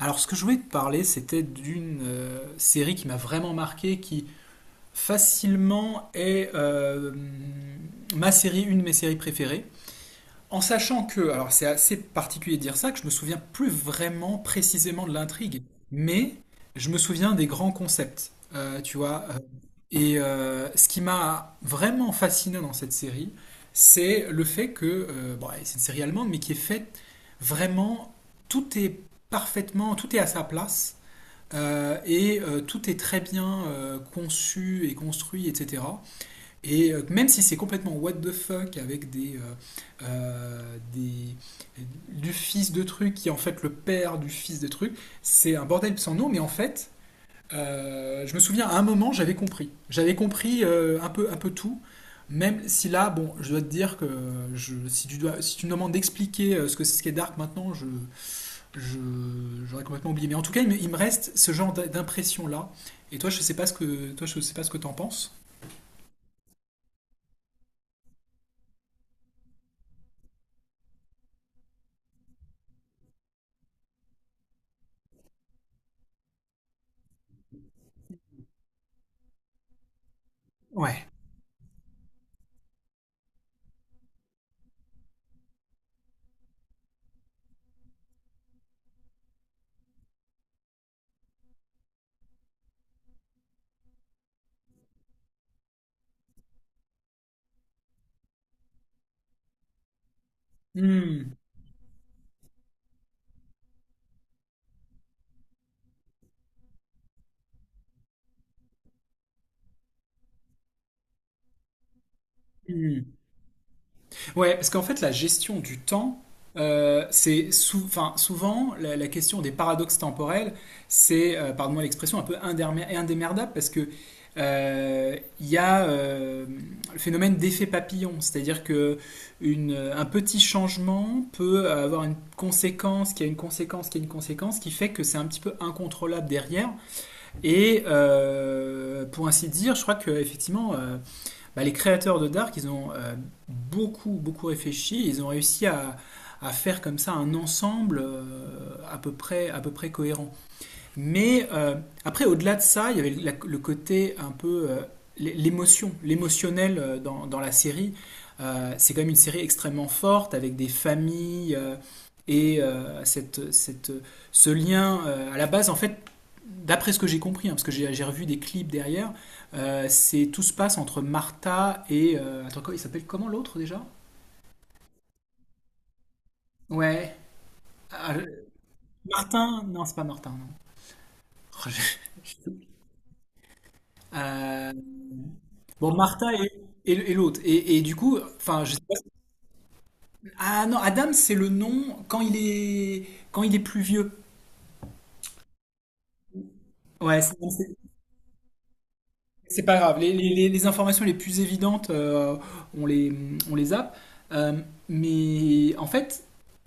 Alors, ce que je voulais te parler, c'était d'une série qui m'a vraiment marqué, qui facilement est ma série, une de mes séries préférées. En sachant que, alors c'est assez particulier de dire ça, que je me souviens plus vraiment précisément de l'intrigue, mais je me souviens des grands concepts, tu vois. Et ce qui m'a vraiment fasciné dans cette série, c'est le fait que, bon, c'est une série allemande, mais qui est faite vraiment, tout est parfaitement, tout est à sa place, et tout est très bien conçu et construit, etc. Même si c'est complètement what the fuck avec des, euh, euh, des- du fils de truc qui est en fait le père du fils de truc, c'est un bordel sans nom, mais en fait, je me souviens à un moment j'avais compris. J'avais compris un peu tout. Même si là, bon, je dois te dire que je, si, tu dois, si tu me demandes d'expliquer ce que c'est ce qu'est Dark maintenant, je, j'aurais complètement oublié. Mais en tout cas, il me reste ce genre d'impression là. Et toi, je sais pas ce que t'en penses. Ouais. Hmm. Hmm. Ouais, parce qu'en fait, la gestion du temps, enfin, souvent la question des paradoxes temporels, pardonne-moi l'expression, un peu indémerdable parce que il y a le phénomène d'effet papillon, c'est-à-dire que un petit changement peut avoir une conséquence, qui a une conséquence, qui a une conséquence, qui fait que c'est un petit peu incontrôlable derrière. Pour ainsi dire, je crois que effectivement. Bah, les créateurs de Dark, ils ont beaucoup, beaucoup réfléchi. Ils ont réussi à faire comme ça un ensemble à peu près cohérent. Mais après, au-delà de ça, il y avait le côté un peu l'émotion, l'émotionnel dans la série. C'est quand même une série extrêmement forte avec des familles et ce lien. À la base, en fait, d'après ce que j'ai compris, hein, parce que j'ai revu des clips derrière, c'est tout se passe entre Martha et attends, quoi, il s'appelle comment l'autre déjà? Ouais, ah, Martin. Non, c'est pas Martin. Non. Euh, Bon, Martha et, et l'autre. Et du coup, enfin, je sais pas. Ah non, Adam, c'est le nom quand il est plus vieux. Ouais, c'est pas grave. Les informations les plus évidentes, on les on les zappe. Euh, mais en fait,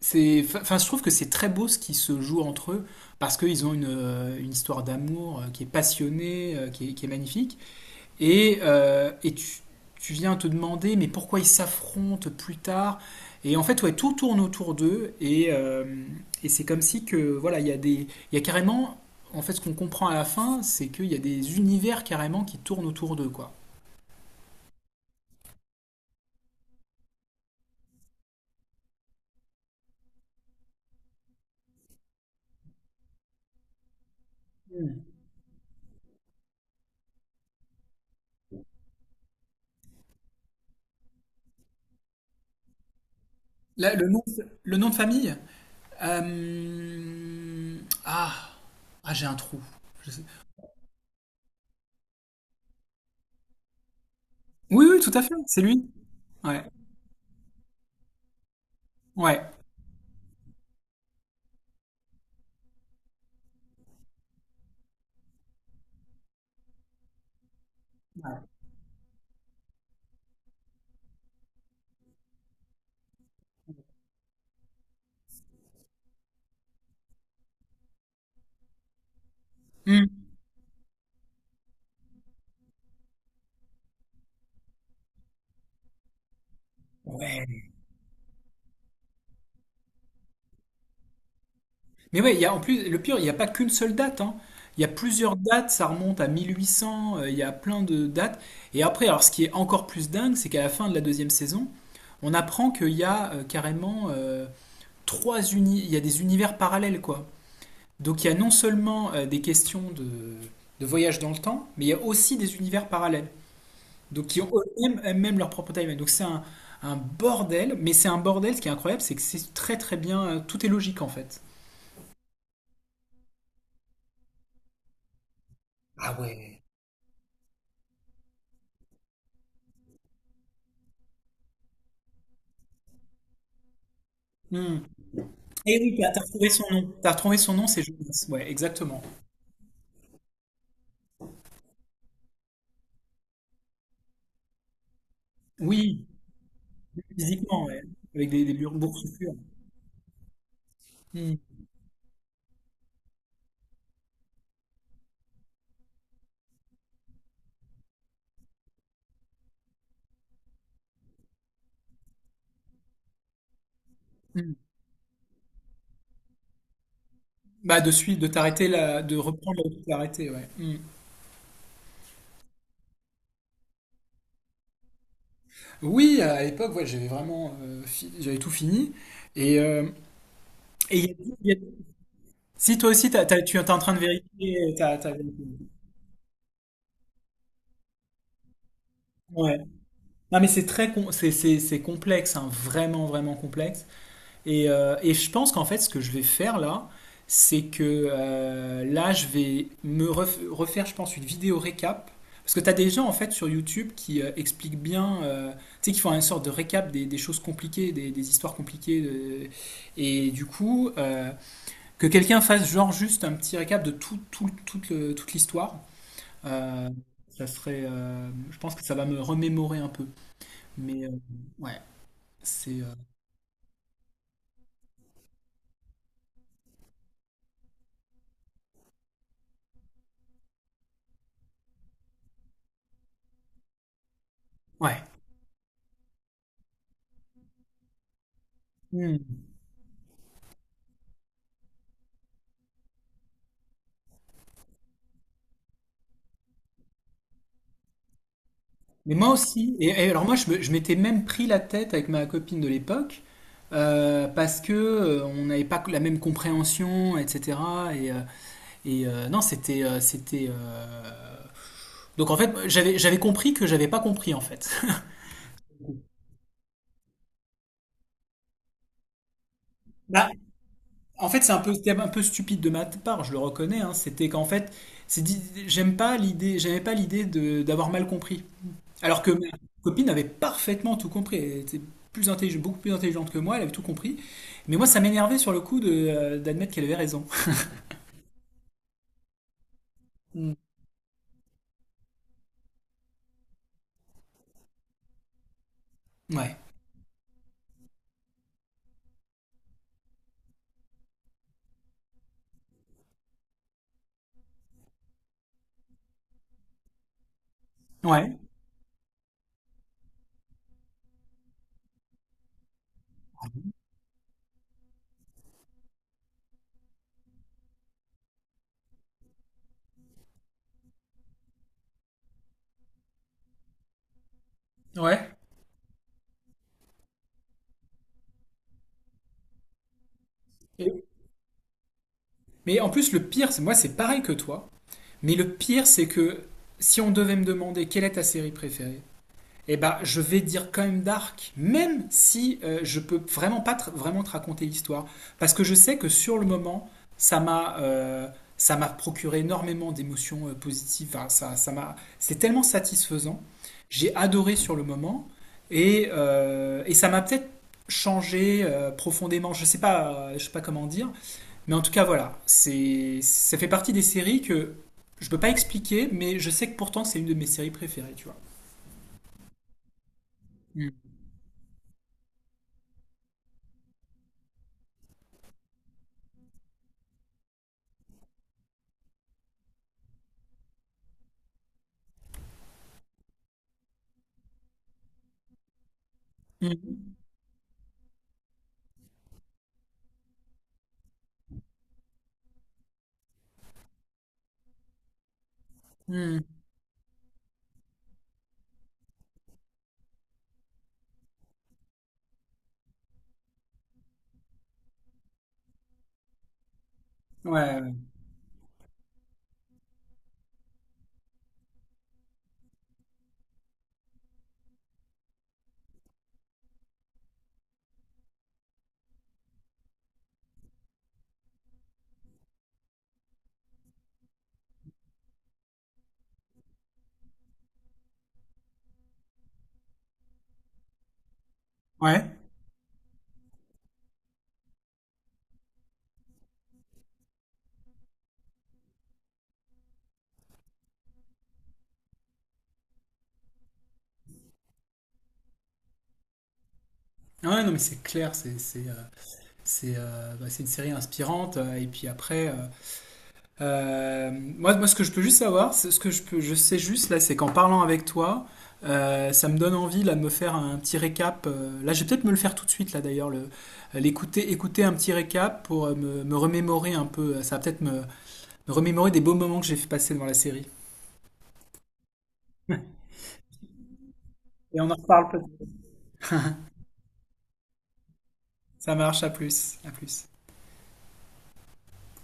c'est, enfin, je trouve que c'est très beau ce qui se joue entre eux parce qu'ils ont une histoire d'amour qui est passionnée, qui est magnifique. Et, tu viens te demander, mais pourquoi ils s'affrontent plus tard. Et en fait, ouais, tout tourne autour d'eux. Et c'est comme si que, voilà, il y a carrément, en fait, ce qu'on comprend à la fin, c'est qu'il y a des univers carrément qui tournent autour d'eux, quoi. Mm. Là, le nom de famille. Euh, Ah, ah j'ai un trou. Je sais. Oui, oui, tout à fait, c'est lui. Ouais, ouais. Hmm. Ouais. Mais ouais, il y a, en plus, le pire, il n'y a pas qu'une seule date, hein. Il y a plusieurs dates, ça remonte à 1800, il y a plein de dates. Et après, alors ce qui est encore plus dingue, c'est qu'à la fin de la deuxième saison, on apprend qu'il y a carrément trois uni il y a des univers parallèles, quoi. Donc il y a non seulement des questions de voyage dans le temps, mais il y a aussi des univers parallèles, donc qui ont eux-mêmes même leur propre timeline. Donc c'est un bordel, mais c'est un bordel, ce qui est incroyable, c'est que c'est très très bien, tout est logique en fait. Ah ouais. Hmm. Et oui, t'as retrouvé son nom. T'as retrouvé son nom, c'est Jonas. Ouais, exactement. Oui, physiquement, ouais. Avec des, boursouflures. Hmm, hmm. Bah, de suite, de t'arrêter là, de reprendre là où tu t'es arrêté, ouais. Hmm. Oui, à l'époque, ouais, j'avais vraiment, j'avais tout fini. Et, et il y a- il y a- si toi aussi, tu es en train de vérifier, t'as. Ouais. Non, mais c'est, c'est complexe, hein, vraiment, vraiment complexe. Et je pense qu'en fait, ce que je vais faire là, c'est que je vais refaire, je pense, une vidéo récap. Parce que tu as des gens, en fait, sur YouTube qui expliquent bien, tu sais, qui font une sorte de récap des choses compliquées, des histoires compliquées. Et du coup, que quelqu'un fasse genre juste un petit récap de tout, toute l'histoire, euh, ça serait, je pense que ça va me remémorer un peu. Mais ouais, c'est. Ouais. Mais moi aussi, et alors je m'étais même pris la tête avec ma copine de l'époque, parce que on n'avait pas la même compréhension, etc. Et, non, c'était. Donc en fait, j'avais compris que j'avais pas compris en fait. Bah, en fait, c'est un peu, c'était un peu stupide de ma part, je le reconnais. Hein. C'était qu'en fait, c'est dit- j'aime pas l'idée, j'aimais pas l'idée de d'avoir mal compris. Alors que ma copine avait parfaitement tout compris. Elle était plus intelligente, beaucoup plus intelligente que moi, elle avait tout compris. Mais moi, ça m'énervait sur le coup de, d'admettre qu'elle avait raison. Mm. Ouais. Ouais. Ouais. Et. Mais en plus, le pire, c'est moi, c'est pareil que toi. Mais le pire, c'est que si on devait me demander quelle est ta série préférée, eh ben, je vais dire quand même Dark, même si je peux vraiment pas vraiment te raconter l'histoire, parce que je sais que sur le moment, ça m'a euh, ça m'a procuré énormément d'émotions positives. Enfin, ça ça m'a c'est tellement satisfaisant. J'ai adoré sur le moment et et ça m'a peut-être changé profondément. Je sais pas comment dire, mais en tout cas voilà, c'est ça fait partie des séries que je peux pas expliquer, mais je sais que pourtant c'est une de mes séries préférées, tu vois. Mm. Mm. Hmm. Ouais, ouais. Ouais, ah ouais, non, mais c'est clair, c'est bah, c'est une série inspirante. Et puis après, moi, ce que je peux juste savoir, ce que je peux, je sais juste là, c'est qu'en parlant avec toi, ça me donne envie là de me faire un petit récap. Je vais peut-être me le faire tout de suite là d'ailleurs, le l'écouter, écouter un petit récap pour me remémorer un peu. Ça va peut-être me, me remémorer des beaux moments que j'ai fait passer devant la série. Et on en reparle peut-être. Ça marche, à plus, à plus.